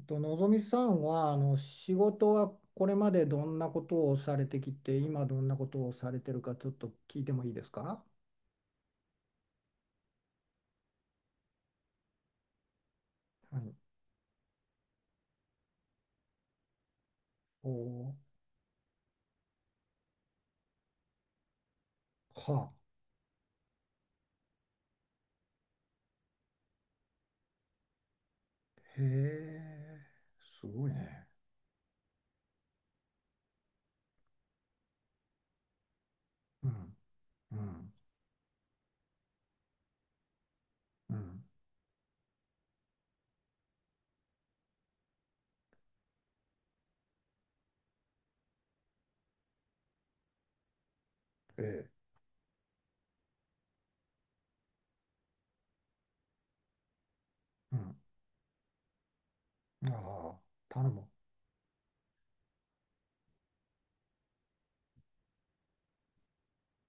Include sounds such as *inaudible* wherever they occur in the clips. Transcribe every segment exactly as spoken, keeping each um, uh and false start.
えっと、のぞみさんはあの仕事はこれまでどんなことをされてきて今どんなことをされてるかちょっと聞いてもいいですか？はい。おー。はあ、へえ、すごいね。うん、うん、うん、ええ、うん、ああ、頼む。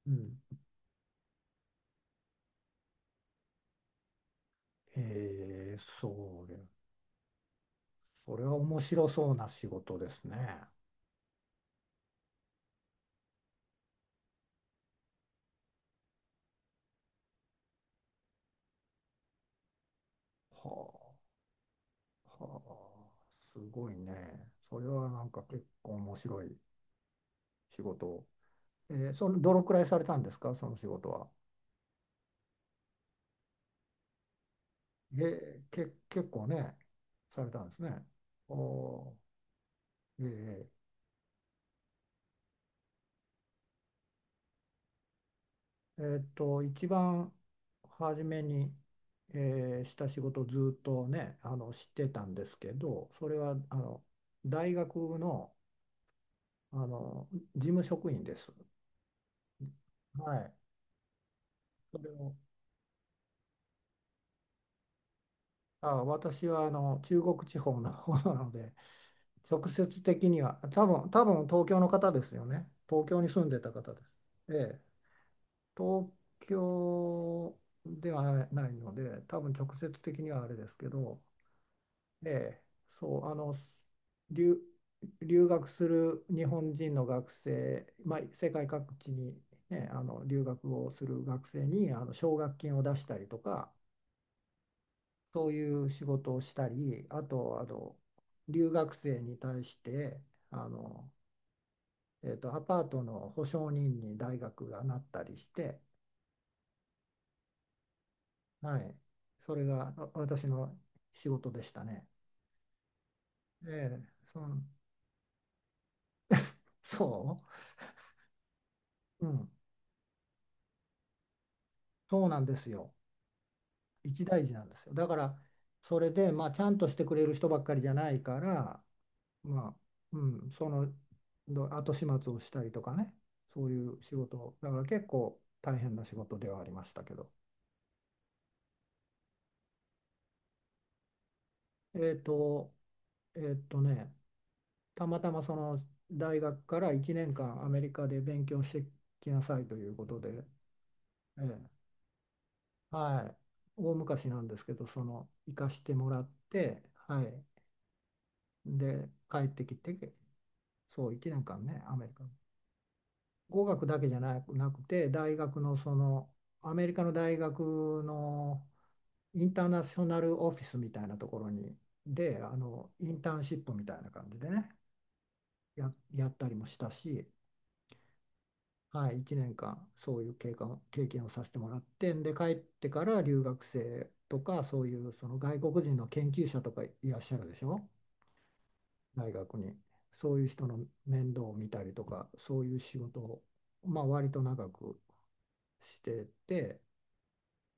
うん。へえ、そうで、それは面白そうな仕事ですね。はあ、はあ、すごいね。それはなんか結構面白い仕事。えーそのどのくらいされたんですか、その仕事は。えーけ、結構ね、されたんですね。おー、えーえーっと、一番初めに、えーした仕事をずっとね、あの、知ってたんですけど、それは、あの、大学の、あの、事務職員です。はい。それを、あ、私は、あの、中国地方の方なので、直接的には、多分、多分東京の方ですよね。東京に住んでた方です。ええ、東京ではないので、多分直接的にはあれですけど、ええ、そう、あの、留、留学する日本人の学生、まあ、世界各地に、ね、あの留学をする学生にあの奨学金を出したりとか、そういう仕事をしたり、あと、あの留学生に対して、あのえーと、アパートの保証人に大学がなったりして、はい、それがあ私の仕事でしたね。ええそん、そう、うん、そうなんですよ。一大事なんですよ。だから、それで、まあ、ちゃんとしてくれる人ばっかりじゃないから、まあ、うん、そのど後始末をしたりとかね、そういう仕事、だから結構大変な仕事ではありましたけど。えっと、えっとね、たまたまその大学からいちねんかんアメリカで勉強してきなさいということで、ええ、はい、大昔なんですけど、その行かしてもらって、はい、で帰ってきて、そういちねんかんね、アメリカ。語学だけじゃなく、なくて、大学のそのアメリカの大学のインターナショナルオフィスみたいなところにであのインターンシップみたいな感じでねや、やったりもしたし。はい、いちねんかんそういう経過を経験をさせてもらってで帰ってから留学生とかそういうその外国人の研究者とかいらっしゃるでしょ？大学にそういう人の面倒を見たりとかそういう仕事を、まあ、割と長くしてて、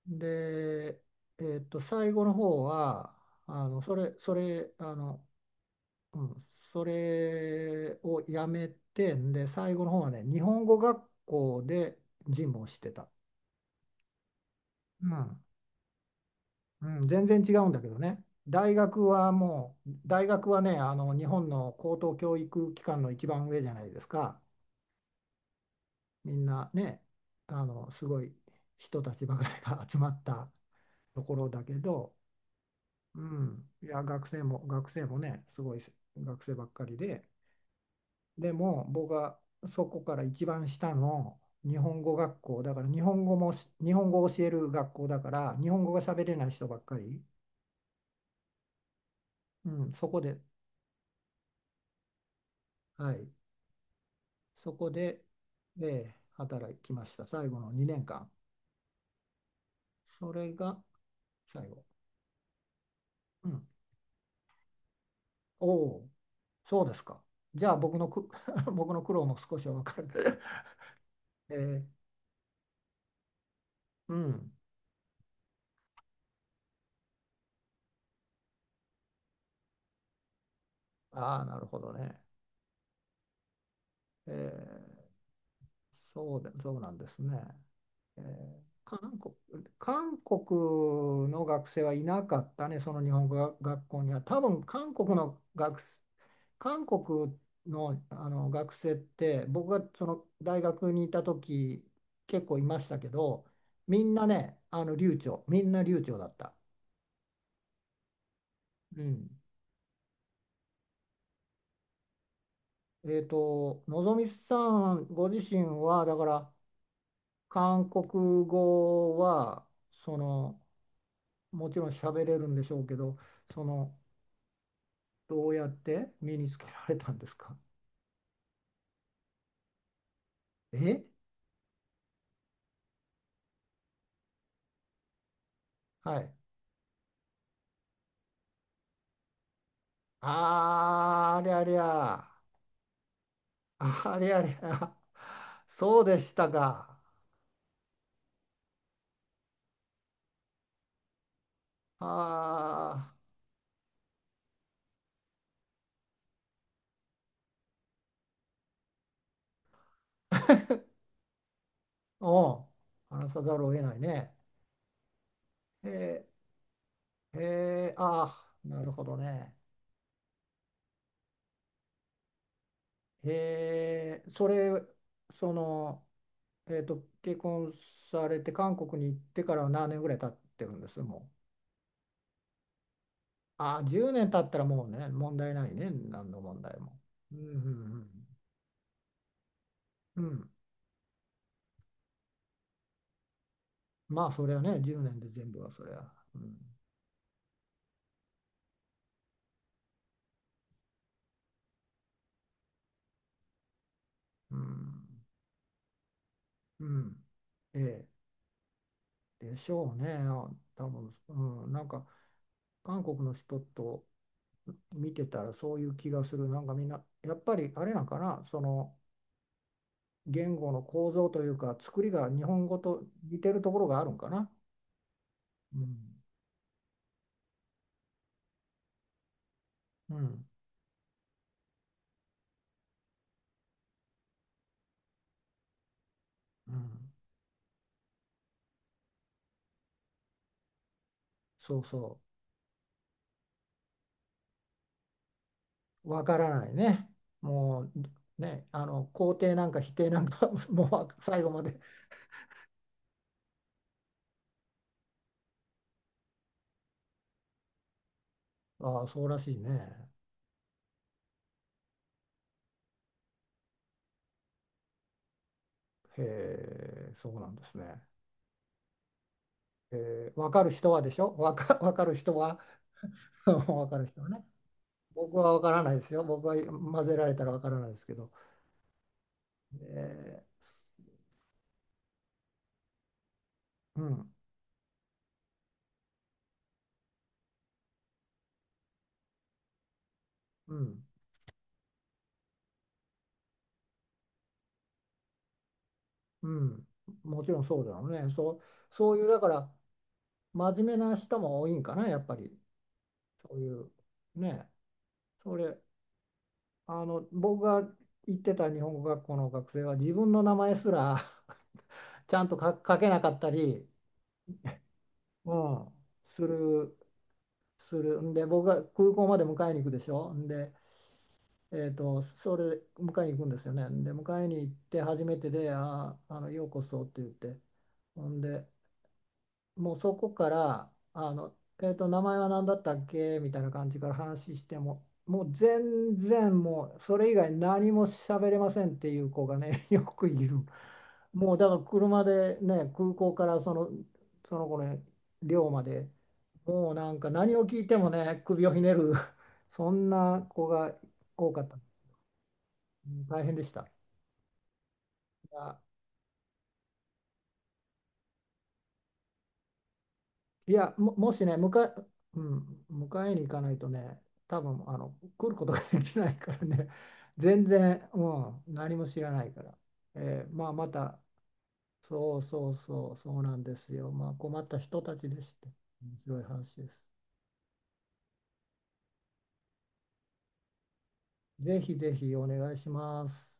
で、えーっと、最後の方はあのそれそれあの、うん、それをやめてで最後の方はね日本語学校で事務をしてた。うん。うん、全然違うんだけどね。大学はもう、大学はね、あの日本の高等教育機関の一番上じゃないですか。みんなね、あのすごい人たちばかりが *laughs* 集まったところだけど、うん、いや、学生も、学生もね、すごい学生ばっかりで、でも僕はそこから一番下の日本語学校だから、日本語もし、日本語を教える学校だから、日本語が喋れない人ばっかり、うん、そこで、はい。そこで、えー働きました。最後のにねんかん。それが最後。うん。おお、そうですか。じゃあ僕のく、*laughs* 僕の苦労も少しは分かる。*laughs* えーうん。ああ、なるほどね。えーそうで、そうなんですね。えー韓国、韓国の学生はいなかったね、その日本語学校には。多分韓国の学生韓国の、あの学生って僕がその大学にいた時結構いましたけどみんなねあの流暢みんな流暢だった。うん、えっとのぞみさんご自身はだから韓国語はそのもちろん喋れるんでしょうけどそのどうやって身につけられたんですか？え、はい。あーありゃりゃ。あれあれ、あ、そうでしたか。ああ、おう、話さざるを得ないね。へえ、へえ、ああ、なるほどね。へえ、それ、その、えっと、結婚されて韓国に行ってからは何年ぐらい経ってるんです、もう。ああ、じゅうねん経ったらもうね、問題ないね、何の問題も。うん、うん、うん。うん、まあ、それはね、いちねんで全部はそれは。うん、うん、うん。ええ、でしょうね、多分、うん、なんか韓国の人と見てたらそういう気がする、なんかみんな、やっぱりあれなんかな、その言語の構造というか、作りが日本語と似てるところがあるんかな。うん、うん、うん、そうそう、わからないね、もうね、あの肯定なんか否定なんか *laughs* もう最後まで、ああ、そうらしいね。へえ、そうなんですね。えー、分かる人はでしょ分か、わかる人は *laughs* 分かる人はね。僕は分からないですよ。僕は混ぜられたら分からないですけど。えー、うん、うん、うん。もちろんそうだよね。そう、そういう、だから、真面目な人も多いんかな、やっぱり。そういう、ね。それ、あの、僕が行ってた日本語学校の学生は、自分の名前すら *laughs* ちゃんと書書けなかったり、うん、する、する。んで、僕が空港まで迎えに行くでしょ？んで、えーと、それ迎えに行くんですよね。で迎えに行って初めてで「あー、あのようこそ」って言ってほんでもうそこからあの、えーと「名前は何だったっけ？」みたいな感じから話してももう全然もうそれ以外何も喋れませんっていう子がね *laughs* よくいる。もうだから車でね空港からその、その子の寮までもうなんか何を聞いてもね首をひねる *laughs* そんな子が多かった。うん、大変でした。いや、いやも、もしね、迎え、うん、迎えに行かないとね、多分あの来ることができないからね、*laughs* 全然、うん、何も知らないから。えーまあ、また、そうそうそう、そうなんですよ。まあ、困った人たちでして、面白い話です。ぜひぜひお願いします。